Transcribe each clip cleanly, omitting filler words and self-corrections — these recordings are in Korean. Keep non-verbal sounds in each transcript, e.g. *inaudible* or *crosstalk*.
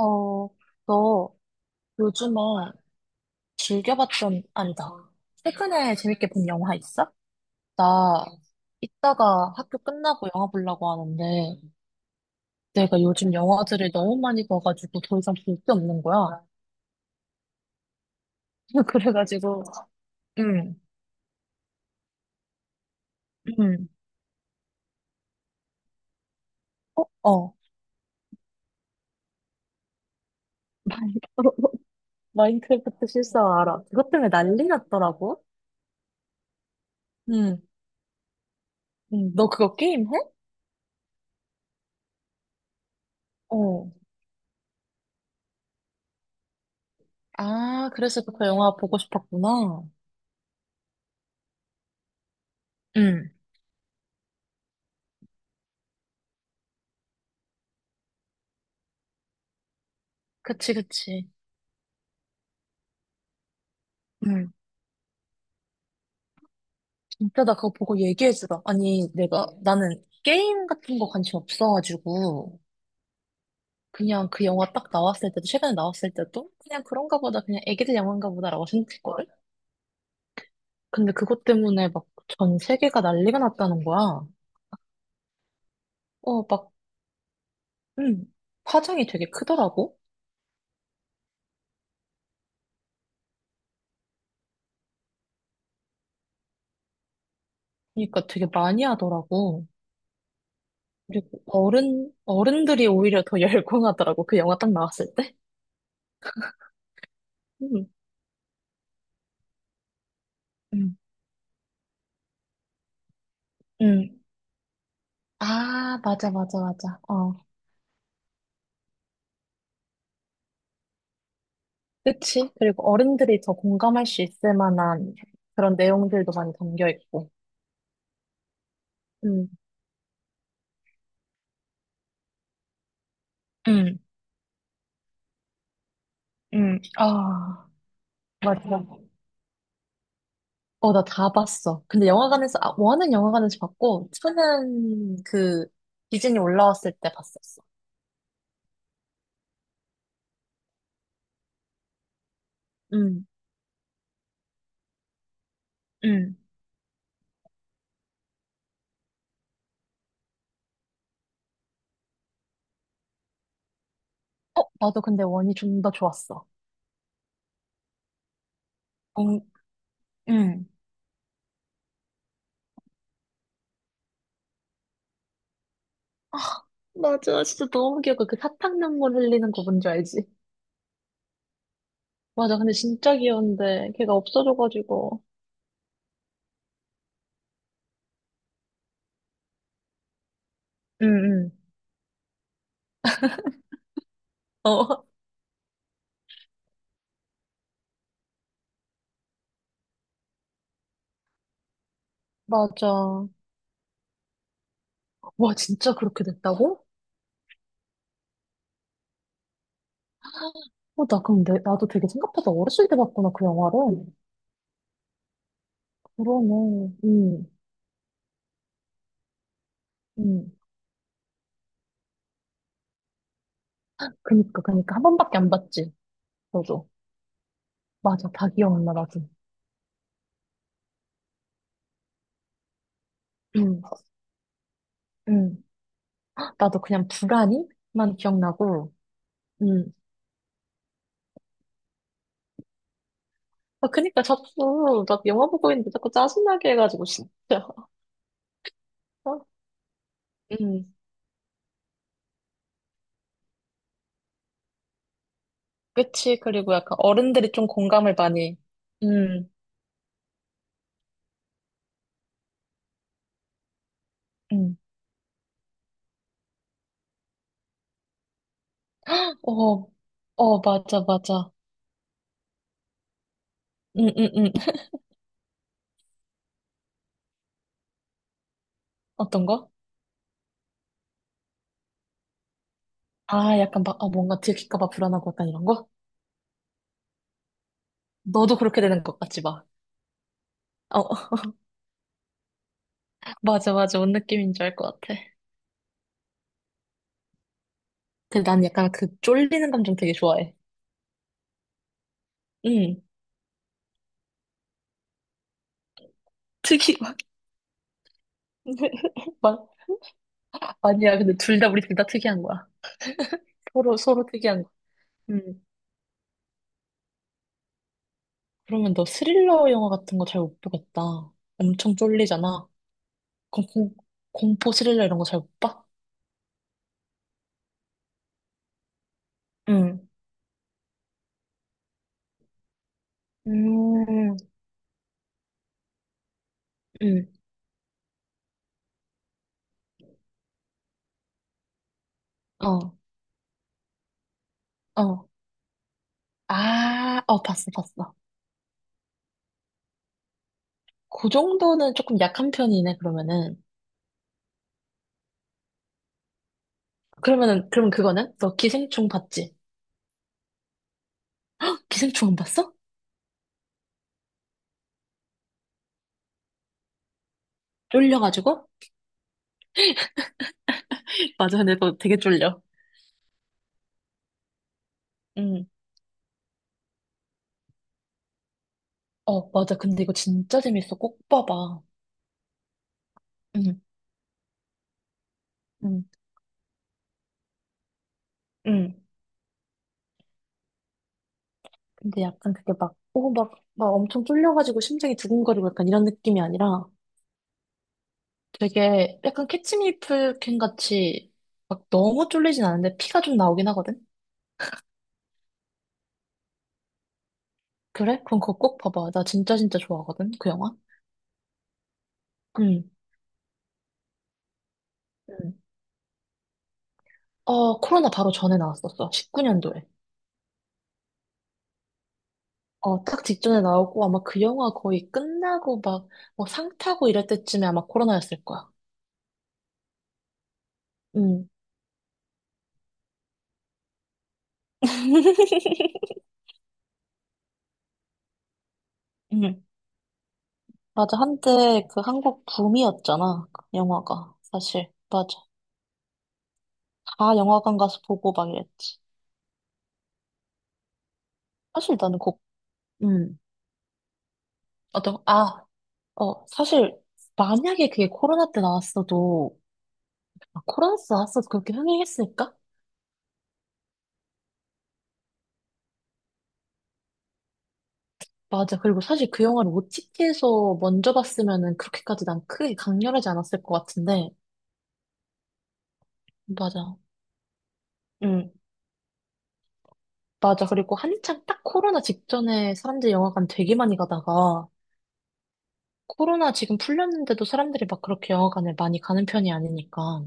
어, 너 요즘에 즐겨봤던, 아니다. 최근에 재밌게 본 영화 있어? 나 이따가 학교 끝나고 영화 보려고 하는데 내가 요즘 영화들을 너무 많이 봐가지고 더 이상 볼 게 없는 거야. *laughs* 그래가지고, 응, 응, 어. 마인- *laughs* 마인크래프트 실사 알아. 그것 때문에 난리 났더라고. 응, 응. 너 그거 게임해? 어. 아, 그래서 그 영화 보고 싶었구나. 응. 그치, 그치. 응. 진짜 나 그거 보고 얘기해주라. 아니, 내가, 네. 나는 게임 같은 거 관심 없어가지고, 그냥 그 영화 딱 나왔을 때도, 최근에 나왔을 때도, 그냥 그런가 보다, 그냥 애기들 영화인가 보다라고 생각했거든? 근데 그것 때문에 막 전 세계가 난리가 났다는 거야. 어, 막, 음, 파장이 되게 크더라고. 그러니까 되게 많이 하더라고. 그리고 어른들이 오히려 더 *laughs* 열광하더라고. 그 영화 딱 나왔을 때. 음, 음, 음. 아, 맞아, 맞아, 맞아. 어, 그치? 그리고 어른들이 더 공감할 수 있을 만한 그런 내용들도 많이 담겨 있고. 음, 응, 응, 아, 맞아. 어, 나 다 봤어. 근데 영화관에서, 아, 원은 영화관에서 봤고, 투는 그, 디즈니 올라왔을 때 봤었어. 음. 응, 어, 나도 근데 원이 좀 더 좋았어. 어, 응. 맞아, 진짜 너무 귀여워. 그 사탕 눈물 흘리는 거 뭔지 알지? 맞아, 근데 진짜 귀여운데, 걔가 없어져가지고. 응, 응. 어, *laughs* 맞아. 와, 진짜 그렇게 됐다고? 어, 나도 되게 생각보다 어렸을 때 봤구나, 그 영화를. 그러네. 음. 그니까, 그니까. 한 번밖에 안 봤지, 너도. 맞아, 다 기억 안 나, 나도. 음, 음. 나도 그냥 불안이만 기억나고, 음. 아, 그니까 자꾸, 나 영화 보고 있는데 자꾸 짜증나게 해가지고, 진짜. 어? 음, 그치. 그리고 약간 어른들이 좀 공감을 많이, 음, 음. 어, 어, 맞아, 맞아. 음, 음, 음. 어떤 거? 아, 약간 막, 어, 뭔가 들킬까 봐 불안하고 약간 이런 거? 너도 그렇게 되는 것 같지, 막. 어, *laughs* 어, 맞아, 맞아. 뭔 느낌인 줄 알 것 같아. 근데 난 약간 그 쫄리는 감정 되게 좋아해. 응. 특이, *laughs* 막, 아니야. 근데 둘 다, 우리 둘 다 특이한 거야. 서로, 서로 특이한 거. 응. 그러면 너 스릴러 영화 같은 거 잘 못 보겠다. 엄청 쫄리잖아. 그럼 공, 공포 스릴러 이런 거 잘 못 봐? 응. 음, 응. 어, 어. 아, 어, 봤어, 봤어. 그 정도는 조금 약한 편이네, 그러면은. 그럼 그거는? 너 기생충 봤지? 기생충 안 봤어? 쫄려가지고? *laughs* 맞아, 근데 너 되게 쫄려. 응. 어, 맞아. 근데 이거 진짜 재밌어. 꼭 봐봐. 응, 응, 응. 근데 약간 그게 막, 오, 막, 막 엄청 쫄려가지고 심장이 두근거리고 약간 이런 느낌이 아니라 되게 약간 캐치미플캔 같이 막 너무 쫄리진 않은데 피가 좀 나오긴 하거든? 그래? 그럼 그거 꼭 봐봐. 나 진짜 진짜 좋아하거든, 그 영화. 응. 응. 어, 코로나 바로 전에 나왔었어. 19년도에. 어, 딱 직전에 나오고 아마 그 영화 거의 끝나고 막 뭐 상 타고 이럴 때쯤에 아마 코로나였을 거야. 응. *laughs* 응. 맞아. 한때 그 한국 붐이었잖아. 그 영화가. 사실. 맞아. 다 영화관 가서 보고 막 이랬지. 사실 나는 곡, 음. 어떤, 아, 사실 만약에 그게 코로나 때 나왔어도, 아, 코로나 때 나왔어도 그렇게 흥행했을까? 맞아. 그리고 사실 그 영화를 OTT에서 먼저 봤으면은 그렇게까지 난 크게 강렬하지 않았을 것 같은데. 맞아. 응, 맞아. 그리고 한창 딱 코로나 직전에 사람들이 영화관 되게 많이 가다가 코로나 지금 풀렸는데도 사람들이 막 그렇게 영화관을 많이 가는 편이 아니니까.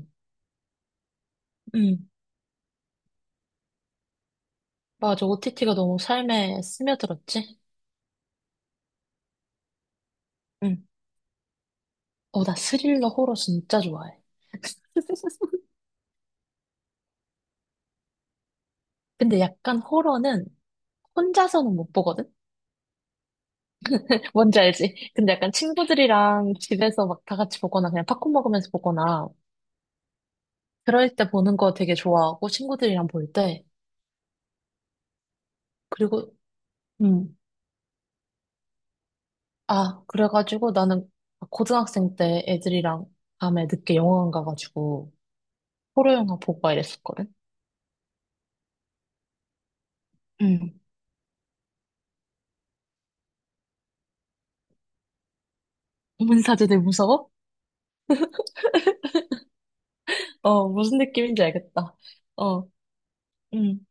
응. 맞아. OTT가 너무 삶에 스며들었지? 응. 어, 나 스릴러 호러 진짜 좋아해. *laughs* 근데 약간 호러는 혼자서는 못 보거든? 뭔지 알지? 근데 약간 친구들이랑 집에서 막 다 같이 보거나 그냥 팝콘 먹으면서 보거나 그럴 때 보는 거 되게 좋아하고 친구들이랑 볼 때. 그리고, 음, 아, 그래가지고 나는 고등학생 때 애들이랑 밤에 늦게 영화관 가가지고 호러 영화 보고 막 이랬었거든? 응. 문사제들 무서워? 어, 무슨 느낌인지 알겠다. 어, 음,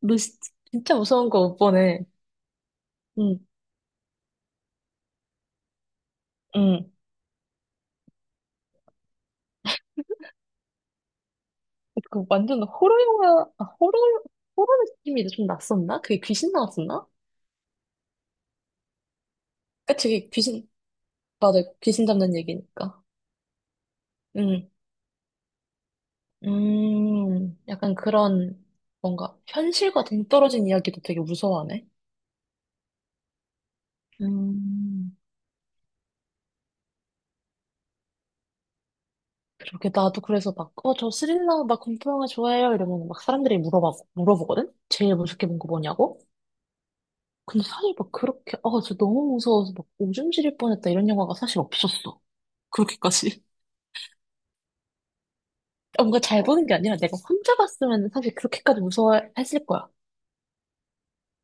너 시- 진짜 무서운 거 못 보네. 음, 음. 그 완전 호러 영화, 아, 호러, 호러 느낌이 좀 났었나? 그게 귀신 나왔었나? 그치, 그게 귀신, 맞아. 귀신 잡는 얘기니까. 음, 약간 그런, 뭔가, 현실과 동떨어진 이야기도 되게 무서워하네. 음, 그렇게 나도 그래서 막, 어, 저 스릴러, 막 공포 영화 좋아해요. 이러면 막 사람들이 물어보거든? 제일 무섭게 본 거 뭐냐고? 근데 사실 막 그렇게, 아, 저 너무 무서워서 막 오줌 지릴 뻔했다 이런 영화가 사실 없었어. 그렇게까지. 뭔가 잘 보는 게 아니라 내가 혼자 봤으면 사실 그렇게까지 무서워했을 거야.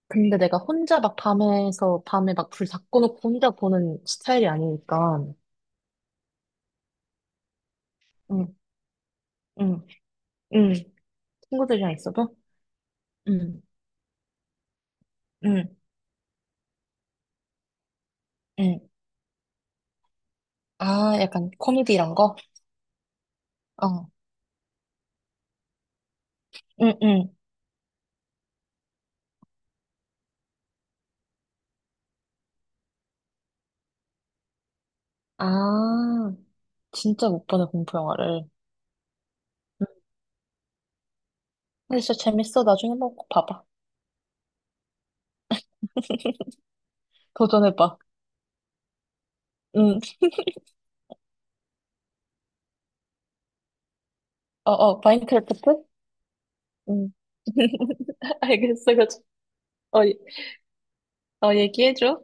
근데 내가 혼자 막 밤에 막 불 다 꺼놓고 혼자 보는 스타일이 아니니까. 응, 응, 응. 친구들이랑 있어도? 응, 응, 응. 아, 약간 코미디 이런 거? 어, 응, 응. 아, 진짜 못 보네, 공포 영화를. 응. 근데 진짜 재밌어. 나중에 한번 꼭 봐봐. 도전해봐. 응, 어, 어, 마인크래프트? 응. *laughs* 알겠어, 어, 어, 얘기해줘.